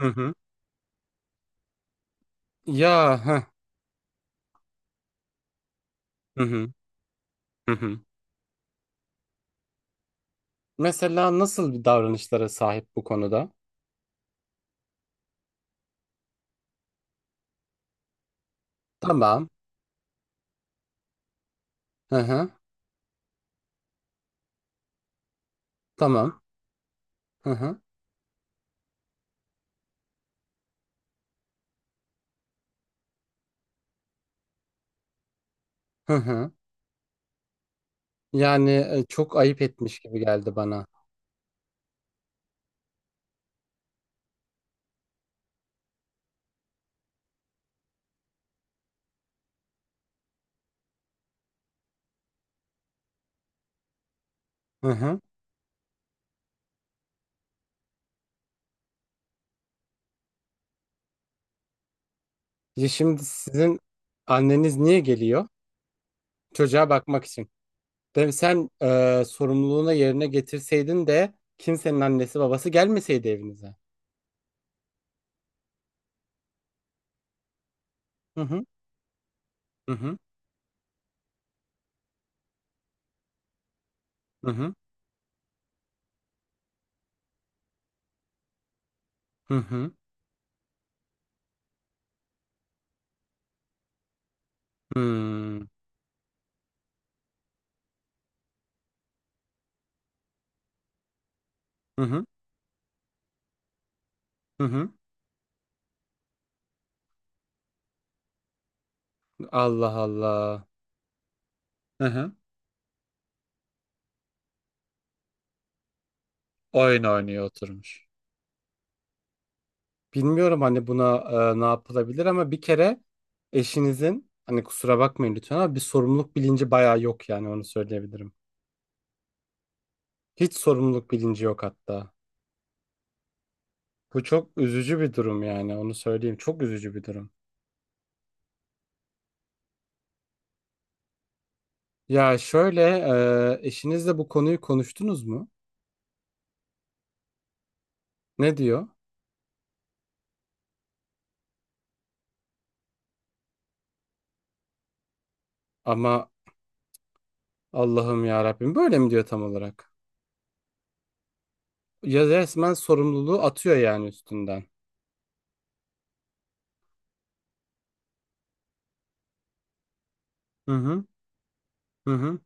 Hı hı. Ya heh. Hı hı. Hı hı. Mesela nasıl bir davranışlara sahip bu konuda? Tamam. Hı hı. Tamam. Hı hı. Hı hı. Yani çok ayıp etmiş gibi geldi bana. Hı hı. Ya şimdi sizin anneniz niye geliyor? Çocuğa bakmak için. Değil. Sen sorumluluğuna yerine getirseydin de kimsenin annesi babası gelmeseydi evinize. Hı hı. Hı hı. Hı hı. Hı hı. Hmm. Hı hı. Hı hı. Allah Allah. Hı hı. Oyun oynuyor oturmuş. Bilmiyorum hani buna ne yapılabilir ama bir kere eşinizin hani kusura bakmayın lütfen ama bir sorumluluk bilinci bayağı yok yani onu söyleyebilirim. Hiç sorumluluk bilinci yok hatta. Bu çok üzücü bir durum yani onu söyleyeyim. Çok üzücü bir durum. Ya şöyle eşinizle bu konuyu konuştunuz mu? Ne diyor? Ama Allah'ım ya Rabbim böyle mi diyor tam olarak? Ya resmen sorumluluğu atıyor yani üstünden. Hı hı hı hı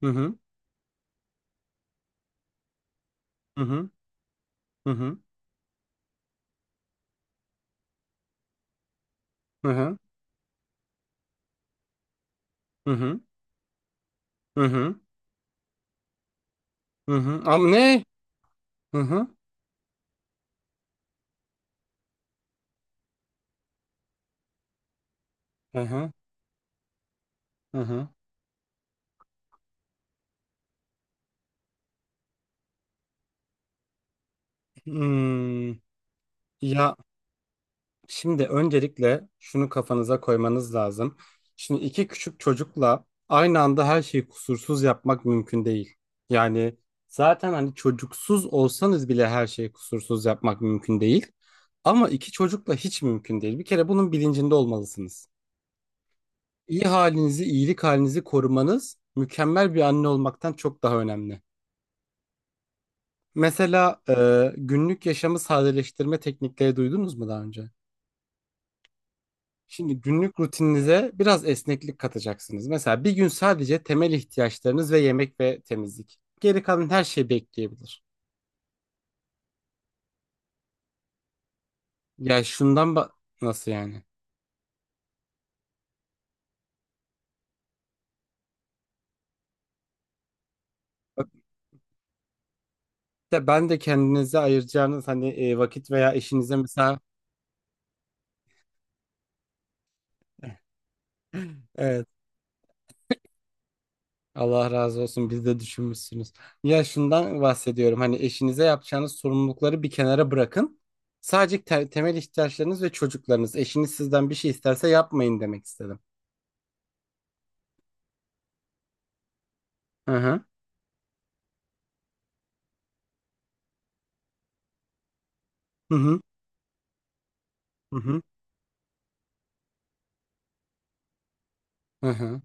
hı hı hı hı hı hı hı. Hı hı. Hı hı. Ama ne? Hı hı. Hı hı. Hı hı. Hmm. Ya şimdi öncelikle şunu kafanıza koymanız lazım. Şimdi iki küçük çocukla aynı anda her şeyi kusursuz yapmak mümkün değil. Yani zaten hani çocuksuz olsanız bile her şeyi kusursuz yapmak mümkün değil. Ama iki çocukla hiç mümkün değil. Bir kere bunun bilincinde olmalısınız. İyi halinizi, iyilik halinizi korumanız mükemmel bir anne olmaktan çok daha önemli. Mesela günlük yaşamı sadeleştirme teknikleri duydunuz mu daha önce? Şimdi günlük rutininize biraz esneklik katacaksınız. Mesela bir gün sadece temel ihtiyaçlarınız ve yemek ve temizlik. Geri kalan her şey bekleyebilir. Ya şundan nasıl yani? Bak, de ben de kendinize ayıracağınız hani vakit veya işinize mesela Evet. Allah razı olsun biz de düşünmüşsünüz. Ya şundan bahsediyorum hani eşinize yapacağınız sorumlulukları bir kenara bırakın. Sadece temel ihtiyaçlarınız ve çocuklarınız. Eşiniz sizden bir şey isterse yapmayın demek istedim. Hı hı. Hı hı. Hı hı. Hı hı.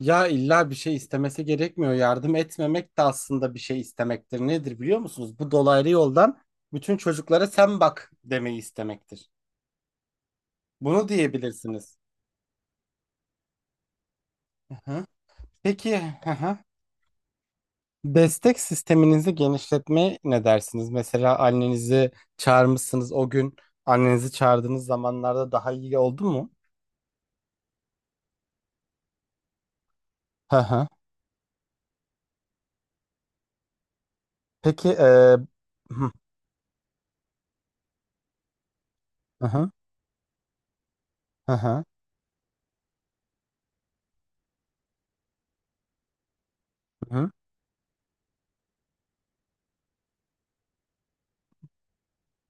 Ya illa bir şey istemesi gerekmiyor. Yardım etmemek de aslında bir şey istemektir. Nedir biliyor musunuz? Bu dolaylı yoldan bütün çocuklara sen bak demeyi istemektir. Bunu diyebilirsiniz. Hı hı. Peki. Hı hı. Destek sisteminizi genişletmeye ne dersiniz? Mesela annenizi çağırmışsınız o gün annenizi çağırdığınız zamanlarda daha iyi oldu mu? Hı hı. Peki hı hı hı hı hı.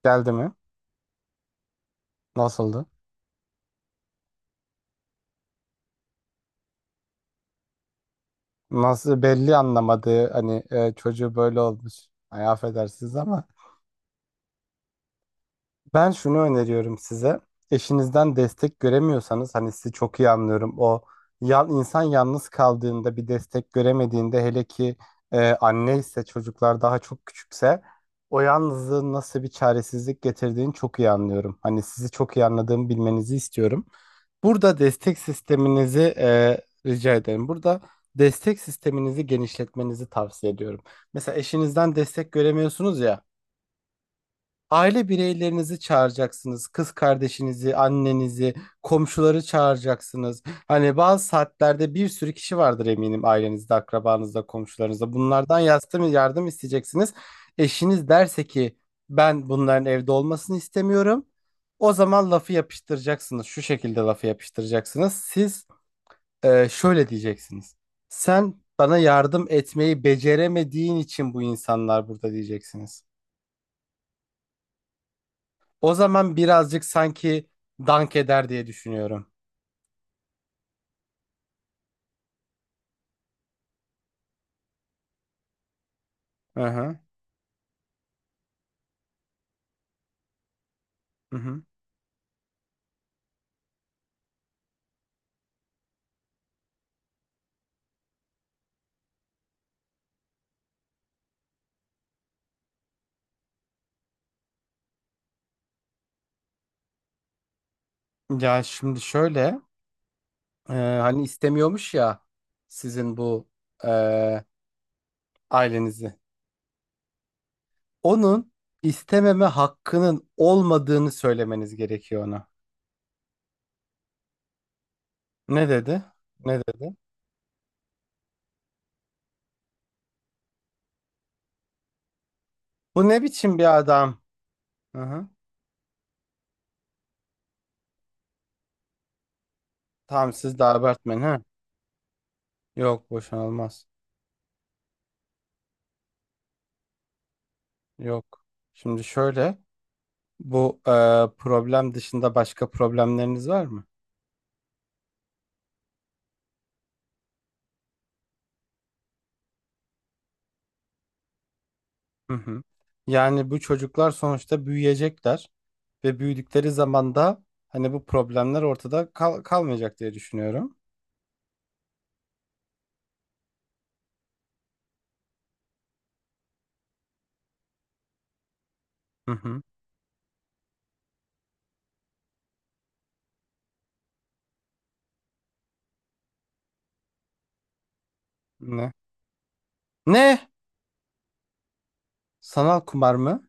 Geldi mi? Nasıldı? Nasıl belli anlamadı hani çocuğu böyle olmuş. Ay affedersiniz ama. Ben şunu öneriyorum size. Eşinizden destek göremiyorsanız hani sizi çok iyi anlıyorum. O insan yalnız kaldığında bir destek göremediğinde hele ki anne ise çocuklar daha çok küçükse o yalnızlığın nasıl bir çaresizlik getirdiğini çok iyi anlıyorum. Hani sizi çok iyi anladığımı bilmenizi istiyorum. Burada destek sisteminizi rica ederim. Burada destek sisteminizi genişletmenizi tavsiye ediyorum. Mesela eşinizden destek göremiyorsunuz ya. Aile bireylerinizi çağıracaksınız. Kız kardeşinizi, annenizi, komşuları çağıracaksınız. Hani bazı saatlerde bir sürü kişi vardır eminim ailenizde, akrabanızda, komşularınızda. Bunlardan yardım isteyeceksiniz. Eşiniz derse ki ben bunların evde olmasını istemiyorum. O zaman lafı yapıştıracaksınız. Şu şekilde lafı yapıştıracaksınız. Siz şöyle diyeceksiniz. Sen bana yardım etmeyi beceremediğin için bu insanlar burada diyeceksiniz. O zaman birazcık sanki dank eder diye düşünüyorum. Hı hı. Hı hı. Ya şimdi şöyle hani istemiyormuş ya sizin bu e, ailenizi. Onun istememe hakkının olmadığını söylemeniz gerekiyor ona. Ne dedi? Ne dedi? Bu ne biçim bir adam? Hı hı. Tamam siz de abartmayın ha. Yok boşanılmaz. Yok. Şimdi şöyle bu problem dışında başka problemleriniz var mı? Hı hı. Yani bu çocuklar sonuçta büyüyecekler ve büyüdükleri zaman da hani bu problemler ortada kalmayacak diye düşünüyorum. Hı hı. Ne? Ne? Sanal kumar mı?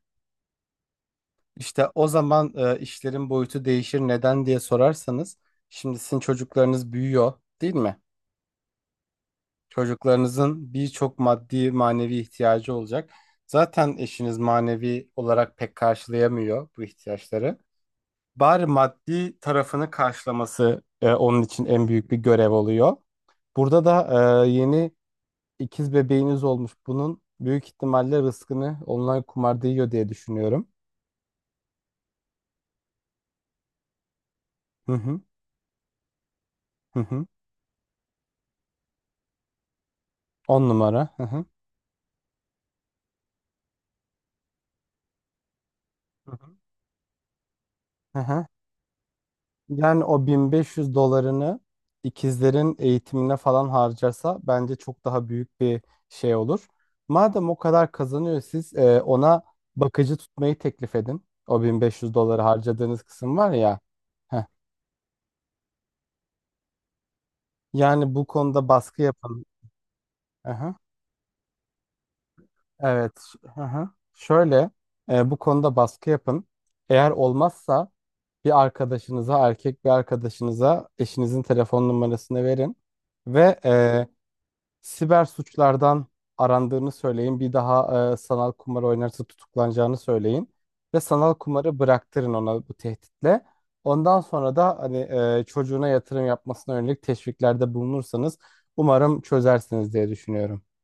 İşte o zaman işlerin boyutu değişir neden diye sorarsanız şimdi sizin çocuklarınız büyüyor değil mi? Çocuklarınızın birçok maddi manevi ihtiyacı olacak. Zaten eşiniz manevi olarak pek karşılayamıyor bu ihtiyaçları. Bari maddi tarafını karşılaması onun için en büyük bir görev oluyor. Burada da yeni ikiz bebeğiniz olmuş. Bunun büyük ihtimalle rızkını online kumarda yiyor diye düşünüyorum. Hı hı hı hı. On numara. Hı hı. Hı hı. Hı hı. Yani o 1.500 dolarını ikizlerin eğitimine falan harcarsa bence çok daha büyük bir şey olur. Madem o kadar kazanıyor siz ona bakıcı tutmayı teklif edin. O 1.500 doları harcadığınız kısım var ya. Heh. Yani bu konuda baskı yapın. Aha. Evet. Aha. Şöyle bu konuda baskı yapın. Eğer olmazsa bir arkadaşınıza, erkek bir arkadaşınıza eşinizin telefon numarasını verin ve siber suçlardan arandığını söyleyin. Bir daha sanal kumar oynarsa tutuklanacağını söyleyin. Ve sanal kumarı bıraktırın ona bu tehditle. Ondan sonra da hani çocuğuna yatırım yapmasına yönelik teşviklerde bulunursanız umarım çözersiniz diye düşünüyorum.